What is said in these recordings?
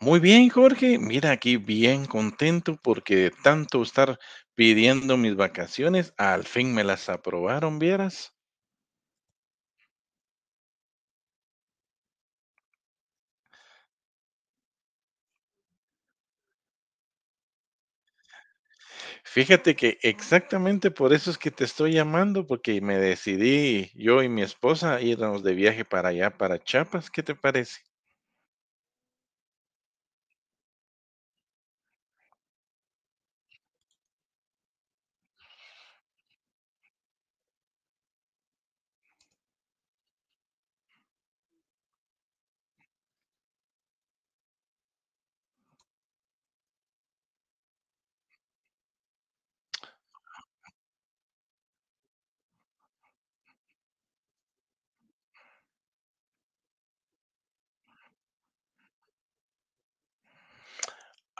Muy bien, Jorge. Mira, aquí bien contento porque de tanto estar pidiendo mis vacaciones, al fin me las aprobaron, vieras. Fíjate que exactamente por eso es que te estoy llamando, porque me decidí yo y mi esposa a irnos de viaje para allá, para Chiapas. ¿Qué te parece?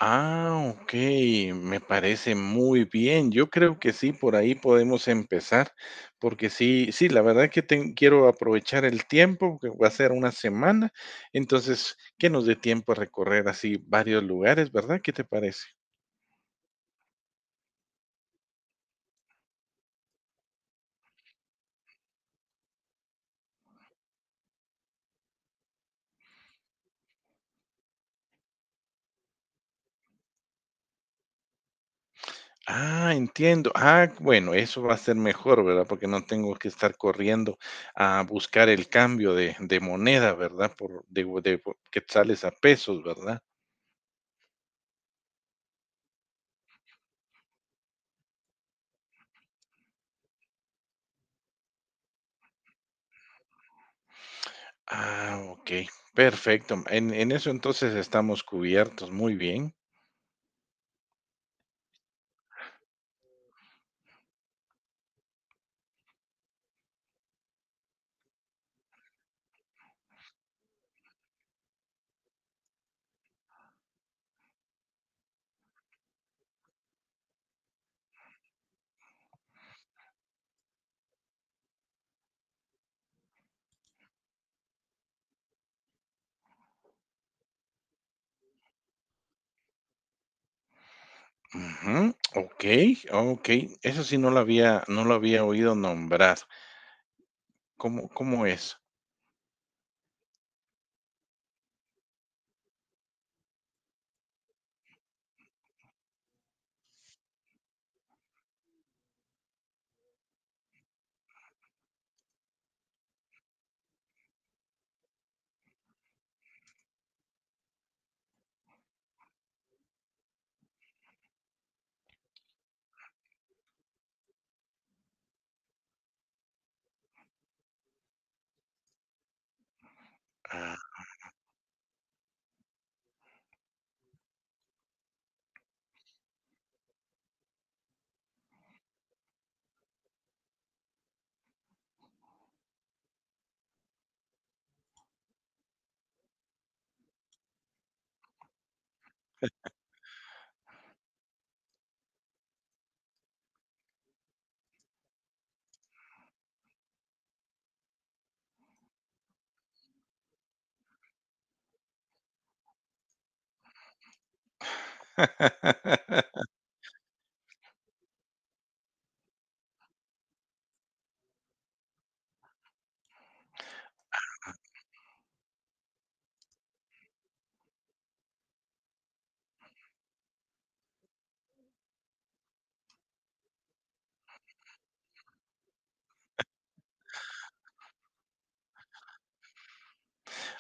Ah, okey, me parece muy bien. Yo creo que sí, por ahí podemos empezar, porque sí, la verdad que ten quiero aprovechar el tiempo, que va a ser una semana, entonces, que nos dé tiempo a recorrer así varios lugares, ¿verdad? ¿Qué te parece? Ah, entiendo. Ah, bueno, eso va a ser mejor, ¿verdad? Porque no tengo que estar corriendo a buscar el cambio de moneda, ¿verdad? Por de quetzales a pesos, ¿verdad? Ah, okey, perfecto. En eso entonces estamos cubiertos, muy bien. Ujú, okey, okey. Eso sí no lo había oído nombrar. ¿Cómo es? Ah.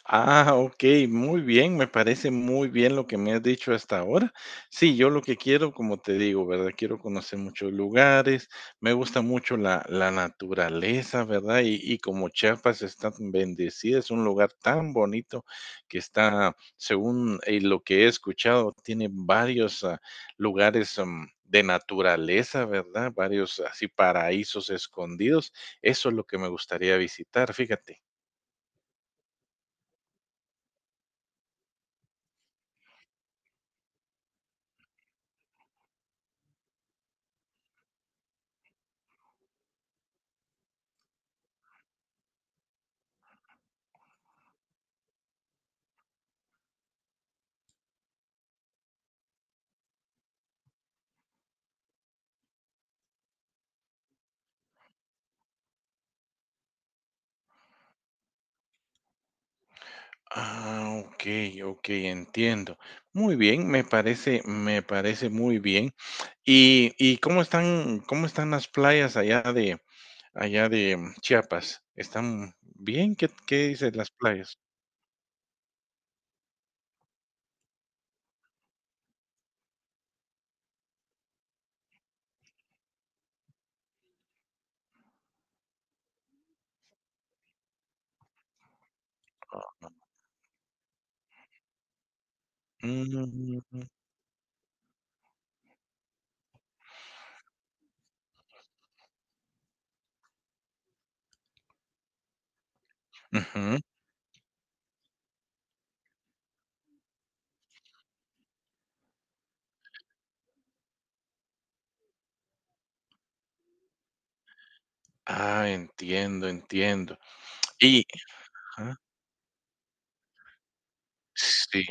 Ah, ok, muy bien, me parece muy bien lo que me has dicho hasta ahora. Sí, yo lo que quiero, como te digo, ¿verdad? Quiero conocer muchos lugares, me gusta mucho la naturaleza, ¿verdad?, y como Chiapas está tan bendecida, es un lugar tan bonito que está, según lo que he escuchado, tiene varios lugares de naturaleza, ¿verdad? Varios así paraísos escondidos. Eso es lo que me gustaría visitar, fíjate. Ah, okey, okey, entiendo. Muy bien, me parece muy bien. Y cómo están las playas allá de Chiapas? ¿Están bien? ¿Qué qué dicen las playas? Mm, ujú. Ah, entiendo, entiendo. Y ajá, sí,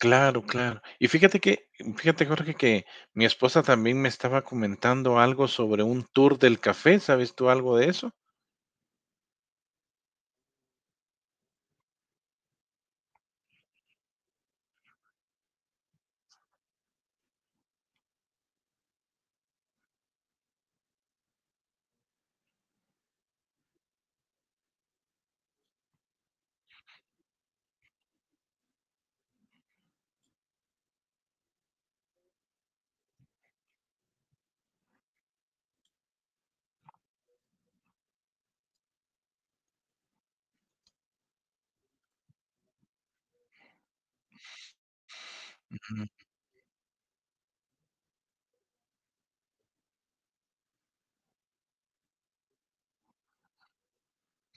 claro, claro. Y fíjate que Jorge, que mi esposa también me estaba comentando algo sobre un tour del café, ¿sabes tú algo de eso?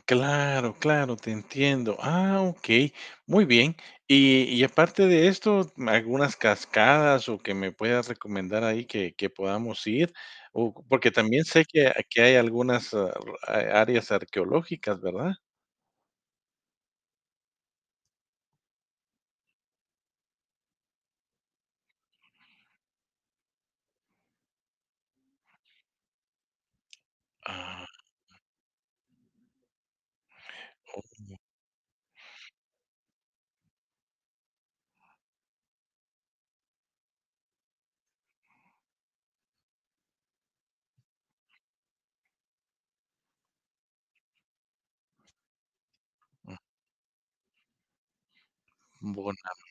Claro, claro, te entiendo. Ah, okey, muy bien. Y aparte de esto, algunas cascadas o que me puedas recomendar ahí que podamos ir, o porque también sé que hay algunas, a áreas arqueológicas, ¿verdad? Ah, Bonapa.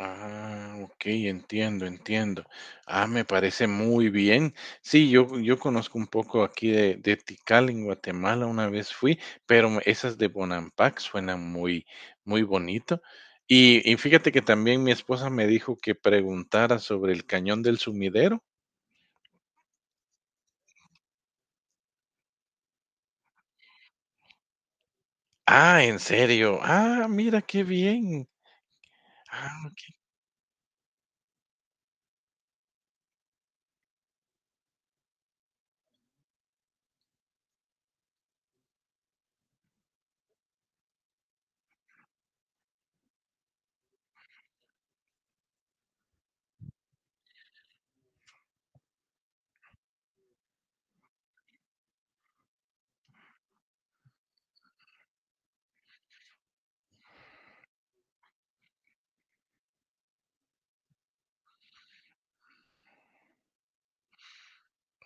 Ah, ok, entiendo, entiendo. Ah, me parece muy bien. Sí, yo conozco un poco aquí de Tikal en Guatemala, una vez fui, pero esas de Bonampak suenan muy, muy bonito. Y fíjate que también mi esposa me dijo que preguntara sobre el Cañón del Sumidero. Ah, ¿en serio? Ah, mira qué bien. Ah, ok.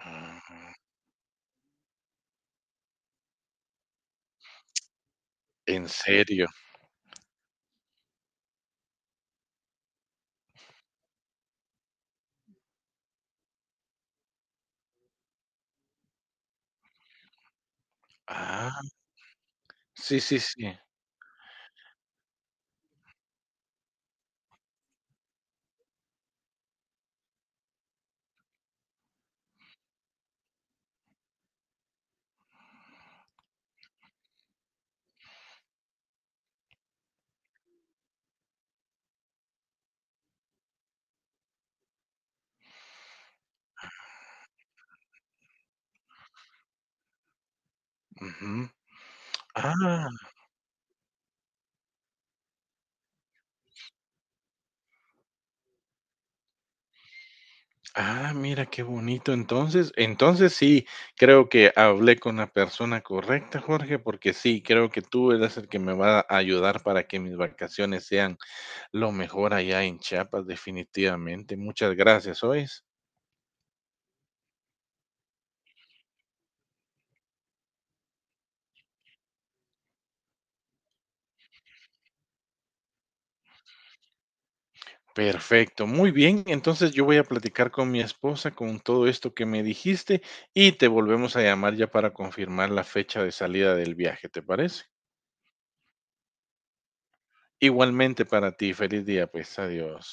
Ah, ¿en serio? Ah, sí, sí, sí. Ujú. Ah. Ah, mira qué bonito. Entonces, entonces sí, creo que hablé con la persona correcta, Jorge, porque sí, creo que tú eres el que me va a ayudar para que mis vacaciones sean lo mejor allá en Chiapas, definitivamente. Muchas gracias, ¿oyes? Perfecto, muy bien. Entonces yo voy a platicar con mi esposa con todo esto que me dijiste y te volvemos a llamar ya para confirmar la fecha de salida del viaje, ¿te parece? Igualmente para ti, feliz día, pues adiós.